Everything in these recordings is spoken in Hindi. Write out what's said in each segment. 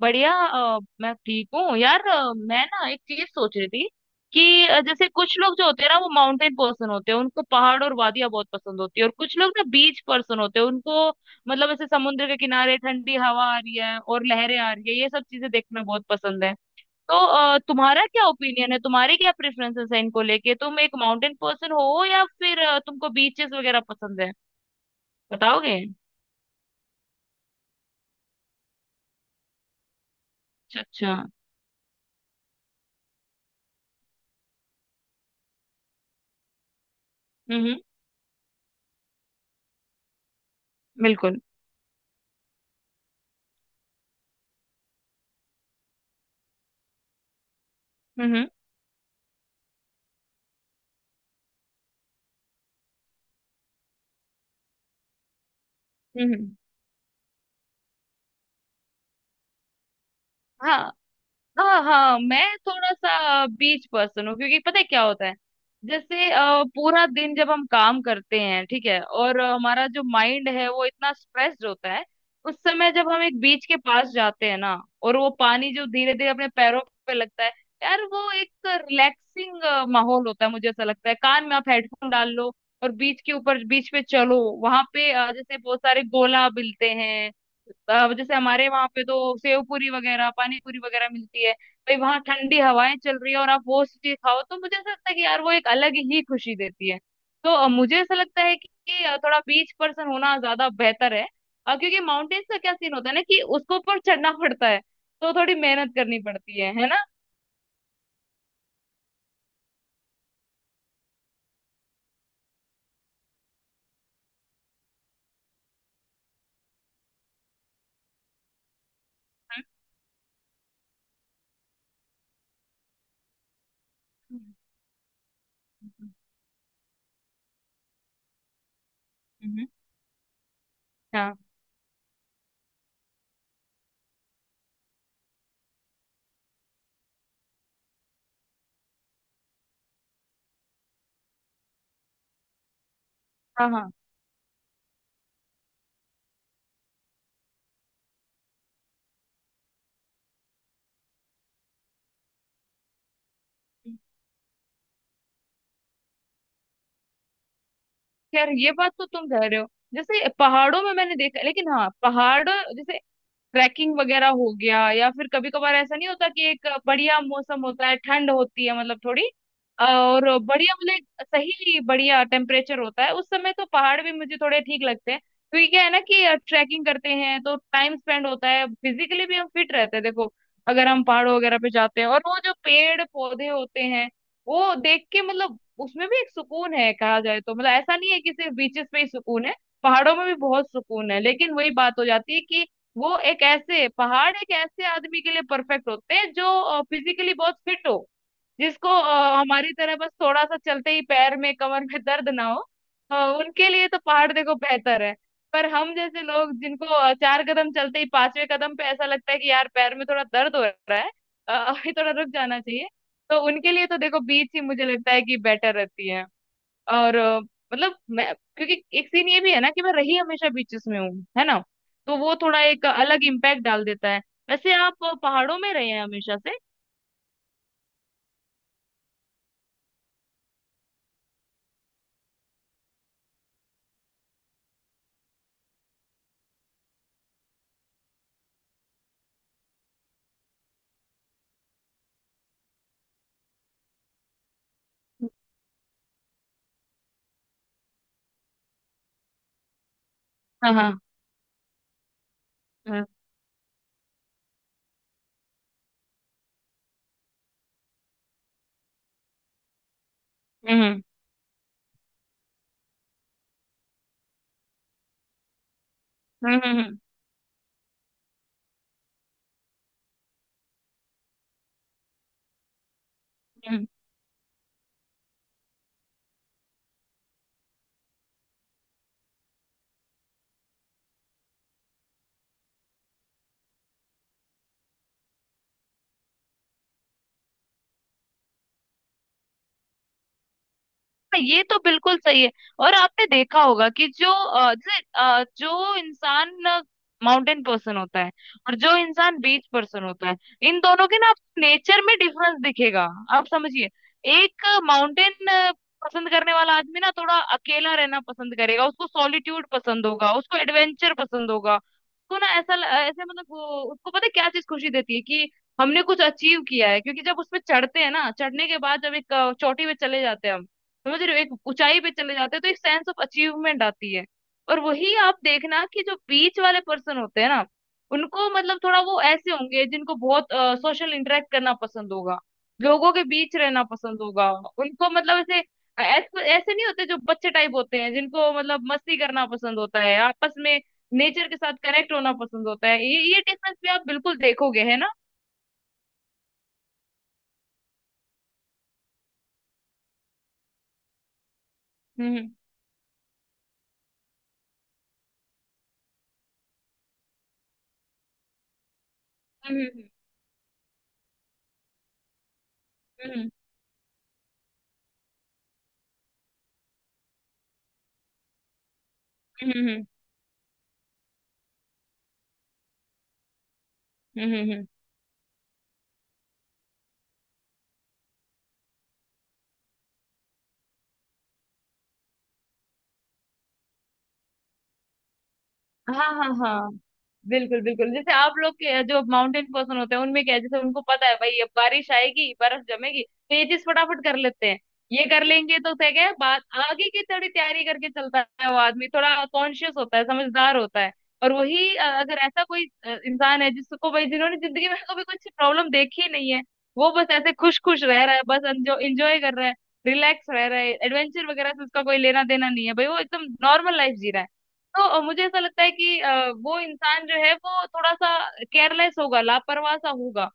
बढ़िया। मैं ठीक हूँ यार। मैं ना एक चीज सोच रही थी कि जैसे कुछ लोग जो होते हैं ना वो माउंटेन पर्सन होते हैं, उनको पहाड़ और वादियां बहुत पसंद होती है। और कुछ लोग ना बीच पर्सन होते हैं, उनको मतलब ऐसे समुद्र के किनारे ठंडी हवा आ रही है और लहरें आ रही है, ये सब चीजें देखना बहुत पसंद है। तो तुम्हारा क्या ओपिनियन है, तुम्हारे क्या प्रेफरेंसेस है इनको लेके? तुम एक माउंटेन पर्सन हो या फिर तुमको बीचेस वगैरह पसंद है? बताओगे? अच्छा, अच्छा। हम्म। हम्म। बिल्कुल। हम्म। हम्म। हम्म। हाँ। हाँ, हाँ, मैं थोड़ा सा बीच पर्सन हूँ, क्योंकि पता है क्या होता है। जैसे पूरा दिन जब हम काम करते हैं ठीक है, और हमारा जो माइंड है वो इतना स्ट्रेस्ड होता है, उस समय जब हम एक बीच के पास जाते हैं ना, और वो पानी जो धीरे धीरे अपने पैरों पे लगता है, यार वो एक रिलैक्सिंग माहौल होता है। मुझे ऐसा लगता है कान में आप हेडफोन डाल लो और बीच के ऊपर बीच पे चलो, वहां पे जैसे बहुत सारे गोला मिलते हैं। अब जैसे हमारे वहां पे तो सेव पूरी वगैरह पानी पूरी वगैरह मिलती है भाई, वहां ठंडी हवाएं चल रही है और आप वो चीज खाओ, तो मुझे ऐसा लगता है कि यार वो एक अलग ही खुशी देती है। तो मुझे ऐसा लगता है कि थोड़ा बीच पर्सन होना ज्यादा बेहतर है। क्योंकि माउंटेन्स का क्या सीन होता है ना, कि उसको ऊपर चढ़ना पड़ता है, तो थोड़ी मेहनत करनी पड़ती है ना। हम्म। हम्म। हम्म। हाँ, हाँ, हाँ। खैर ये बात तो तुम कह रहे हो। जैसे पहाड़ों में मैंने देखा, लेकिन हाँ पहाड़ जैसे ट्रैकिंग वगैरह हो गया, या फिर कभी कभार ऐसा नहीं होता कि एक बढ़िया मौसम होता है, ठंड होती है, मतलब थोड़ी और बढ़िया, मतलब एक सही बढ़िया टेम्परेचर होता है, उस समय तो पहाड़ भी मुझे थोड़े ठीक लगते हैं। क्योंकि क्या है ना कि ट्रैकिंग करते हैं तो टाइम स्पेंड होता है, फिजिकली भी हम फिट रहते हैं, देखो अगर हम पहाड़ों वगैरह पे जाते हैं और वो जो पेड़ पौधे होते हैं, वो देख के, मतलब उसमें भी एक सुकून है कहा जाए तो, मतलब ऐसा नहीं है कि सिर्फ बीचेस पे ही सुकून है, पहाड़ों में भी बहुत सुकून है। लेकिन वही बात हो जाती है कि वो एक ऐसे पहाड़ एक ऐसे आदमी के लिए परफेक्ट होते हैं जो फिजिकली बहुत फिट हो, जिसको हमारी तरह बस थोड़ा सा चलते ही पैर में कमर में दर्द ना हो। उनके लिए तो पहाड़ देखो बेहतर है। पर हम जैसे लोग जिनको चार कदम चलते ही पांचवें कदम पे ऐसा लगता है कि यार पैर में थोड़ा दर्द हो रहा है, अभी थोड़ा रुक जाना चाहिए, तो उनके लिए तो देखो बीच ही मुझे लगता है कि बेटर रहती है। और मतलब मैं, क्योंकि एक सीन ये भी है ना कि मैं रही हमेशा बीचेस में हूँ, है ना, तो वो थोड़ा एक अलग इम्पैक्ट डाल देता है। वैसे आप पहाड़ों में रहे हैं हमेशा से? हाँ, हाँ। हम्म। हम्म। हम्म। हम्म। हम्म। हम्म। हाँ, ये तो बिल्कुल सही है। और आपने देखा होगा कि जो जैसे जो इंसान माउंटेन पर्सन होता है और जो इंसान बीच पर्सन होता है, इन दोनों के ना आप नेचर में डिफरेंस दिखेगा। आप समझिए, एक माउंटेन पसंद करने वाला आदमी ना थोड़ा अकेला रहना पसंद करेगा, उसको सॉलिट्यूड पसंद होगा, उसको एडवेंचर पसंद होगा, उसको ना ऐसा ऐसे, मतलब वो उसको पता है क्या चीज खुशी देती है कि हमने कुछ अचीव किया है। क्योंकि जब उसमें चढ़ते हैं ना, चढ़ने के बाद जब एक चोटी पे चले जाते हैं हम, समझ रहे हो, एक ऊंचाई पे चले जाते हो तो एक सेंस ऑफ अचीवमेंट आती है। और वही आप देखना कि जो बीच वाले पर्सन होते हैं ना, उनको मतलब थोड़ा वो ऐसे होंगे जिनको बहुत सोशल इंटरेक्ट करना पसंद होगा, लोगों के बीच रहना पसंद होगा, उनको मतलब ऐसे ऐसे नहीं होते जो बच्चे टाइप होते हैं जिनको मतलब मस्ती करना पसंद होता है आपस में, नेचर के साथ कनेक्ट होना पसंद होता है। ये डिफरेंस भी आप बिल्कुल देखोगे, है ना। हम्म। हम्म। हम्म। हम्म। हम्म। हम्म। हम्म। हम्म। हम्म। हम्म। हाँ, हाँ, हाँ, बिल्कुल बिल्कुल, जैसे आप लोग के जो माउंटेन पर्सन होते हैं उनमें क्या है, जैसे उनको पता है भाई अब बारिश आएगी बर्फ जमेगी, तो ये चीज फटाफट कर लेते हैं। ये कर लेंगे तो क्या, क्या है बात, आगे की थोड़ी तैयारी करके चलता है। वो आदमी थोड़ा कॉन्शियस होता है, समझदार होता है। और वही अगर ऐसा कोई इंसान है जिसको भाई जिन्होंने जिंदगी में कभी कुछ प्रॉब्लम देखी नहीं है, वो बस ऐसे खुश खुश रह रहा है, बस एंजॉय कर रहा है, रिलैक्स रह रहा है, एडवेंचर वगैरह से उसका कोई लेना देना नहीं है भाई, वो एकदम नॉर्मल लाइफ जी रहा है। तो मुझे ऐसा लगता है कि वो इंसान जो है वो थोड़ा सा केयरलेस होगा, लापरवाह सा होगा।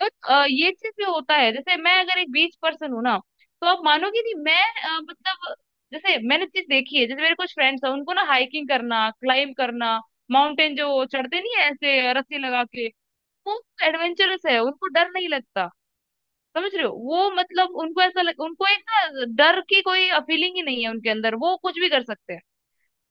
तो ये चीज भी होता है, जैसे मैं अगर एक बीच पर्सन हूँ ना, तो आप मानोगे नहीं, मैं मतलब जैसे मैंने चीज देखी है, जैसे मेरे कुछ फ्रेंड्स हैं, उनको ना हाइकिंग करना, क्लाइंब करना, माउंटेन जो चढ़ते नहीं है ऐसे रस्सी लगा के, वो एडवेंचरस है, उनको डर नहीं लगता। समझ रहे हो वो, मतलब उनको ऐसा लग, उनको एक ना डर की कोई फीलिंग ही नहीं है उनके अंदर, वो कुछ भी कर सकते हैं।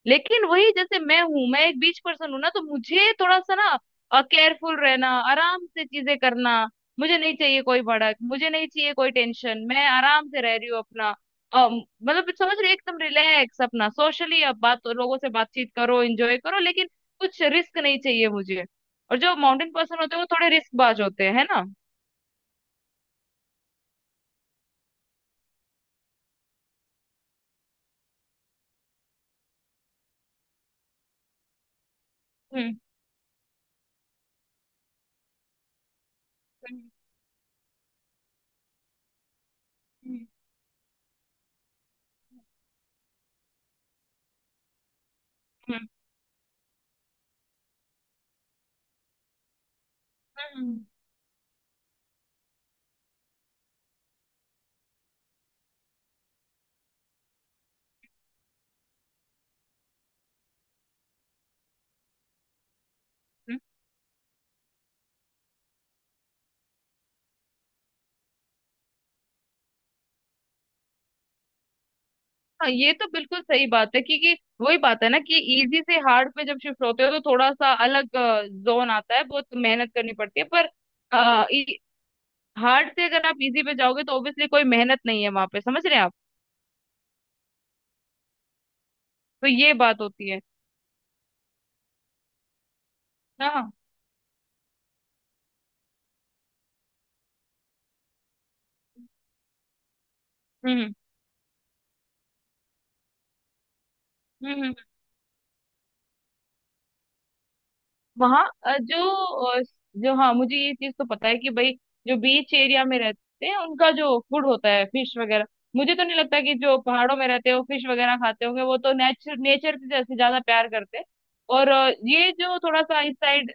लेकिन वही जैसे मैं हूं, मैं एक बीच पर्सन हूं ना, तो मुझे थोड़ा सा ना केयरफुल रहना, आराम से चीजें करना, मुझे नहीं चाहिए कोई भड़क, मुझे नहीं चाहिए कोई टेंशन, मैं आराम से रह रही हूँ अपना, मतलब समझ रही हो, एकदम रिलैक्स अपना, सोशली अब बात लोगों से बातचीत करो, एंजॉय करो, लेकिन कुछ रिस्क नहीं चाहिए मुझे। और जो माउंटेन पर्सन होते हैं वो थोड़े रिस्क बाज होते हैं, है ना। हम्म। हम्म। हम्म। हम्म। हम्म। हाँ, ये तो बिल्कुल सही बात है, क्योंकि वही बात है ना कि इजी से हार्ड पे जब शिफ्ट होते हो तो थोड़ा सा अलग जोन आता है, बहुत मेहनत करनी पड़ती है। पर हार्ड से अगर आप इजी पे जाओगे तो ऑब्वियसली कोई मेहनत नहीं है वहां पे, समझ रहे हैं आप, तो ये बात होती है। हाँ। हम्म। हम्म। हम्म। वहाँ जो जो हाँ, मुझे ये चीज तो पता है कि भाई जो बीच एरिया में रहते हैं उनका जो फूड होता है फिश वगैरह, मुझे तो नहीं लगता कि जो पहाड़ों में रहते हैं वो फिश वगैरह खाते होंगे, वो तो नेचर नेचर से जैसे ज्यादा प्यार करते हैं। और ये जो थोड़ा सा इस साइड,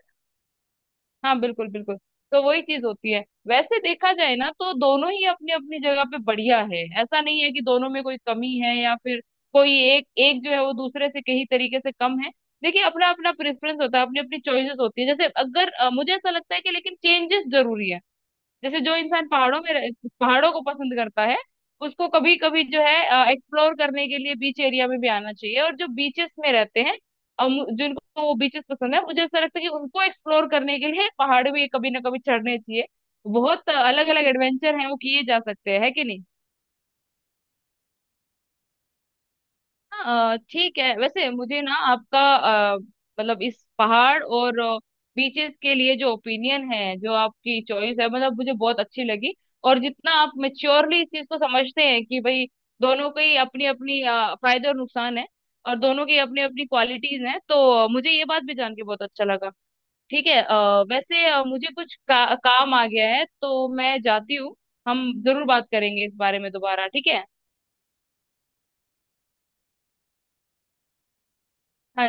हाँ बिल्कुल बिल्कुल, तो वही चीज होती है। वैसे देखा जाए ना, तो दोनों ही अपनी अपनी जगह पे बढ़िया है, ऐसा नहीं है कि दोनों में कोई कमी है, या फिर कोई एक एक जो है वो दूसरे से कहीं तरीके से कम है। देखिए अपना अपना प्रेफरेंस होता है, अपनी अपनी चॉइसेस होती है। जैसे अगर मुझे ऐसा लगता है कि लेकिन चेंजेस जरूरी है। जैसे जो इंसान पहाड़ों में पहाड़ों को पसंद करता है, उसको कभी कभी जो है एक्सप्लोर करने के लिए बीच एरिया में भी आना चाहिए। और जो बीचेस में रहते हैं और जिनको वो बीचेस पसंद है, मुझे ऐसा लगता है कि उनको एक्सप्लोर करने के लिए पहाड़ भी कभी ना कभी चढ़ने चाहिए। बहुत अलग अलग एडवेंचर हैं वो किए जा सकते हैं, है कि नहीं। हाँ, ठीक है, वैसे मुझे ना आपका मतलब इस पहाड़ और बीचेस के लिए जो ओपिनियन है, जो आपकी चॉइस है, मतलब मुझे बहुत अच्छी लगी। और जितना आप मेच्योरली इस चीज को समझते हैं कि भाई दोनों की अपनी अपनी फायदे और नुकसान है, और दोनों की अपनी अपनी क्वालिटीज हैं, तो मुझे ये बात भी जान के बहुत अच्छा लगा। ठीक है, वैसे मुझे कुछ काम आ गया है, तो मैं जाती हूँ। हम जरूर बात करेंगे इस बारे में दोबारा, ठीक है। हाँ।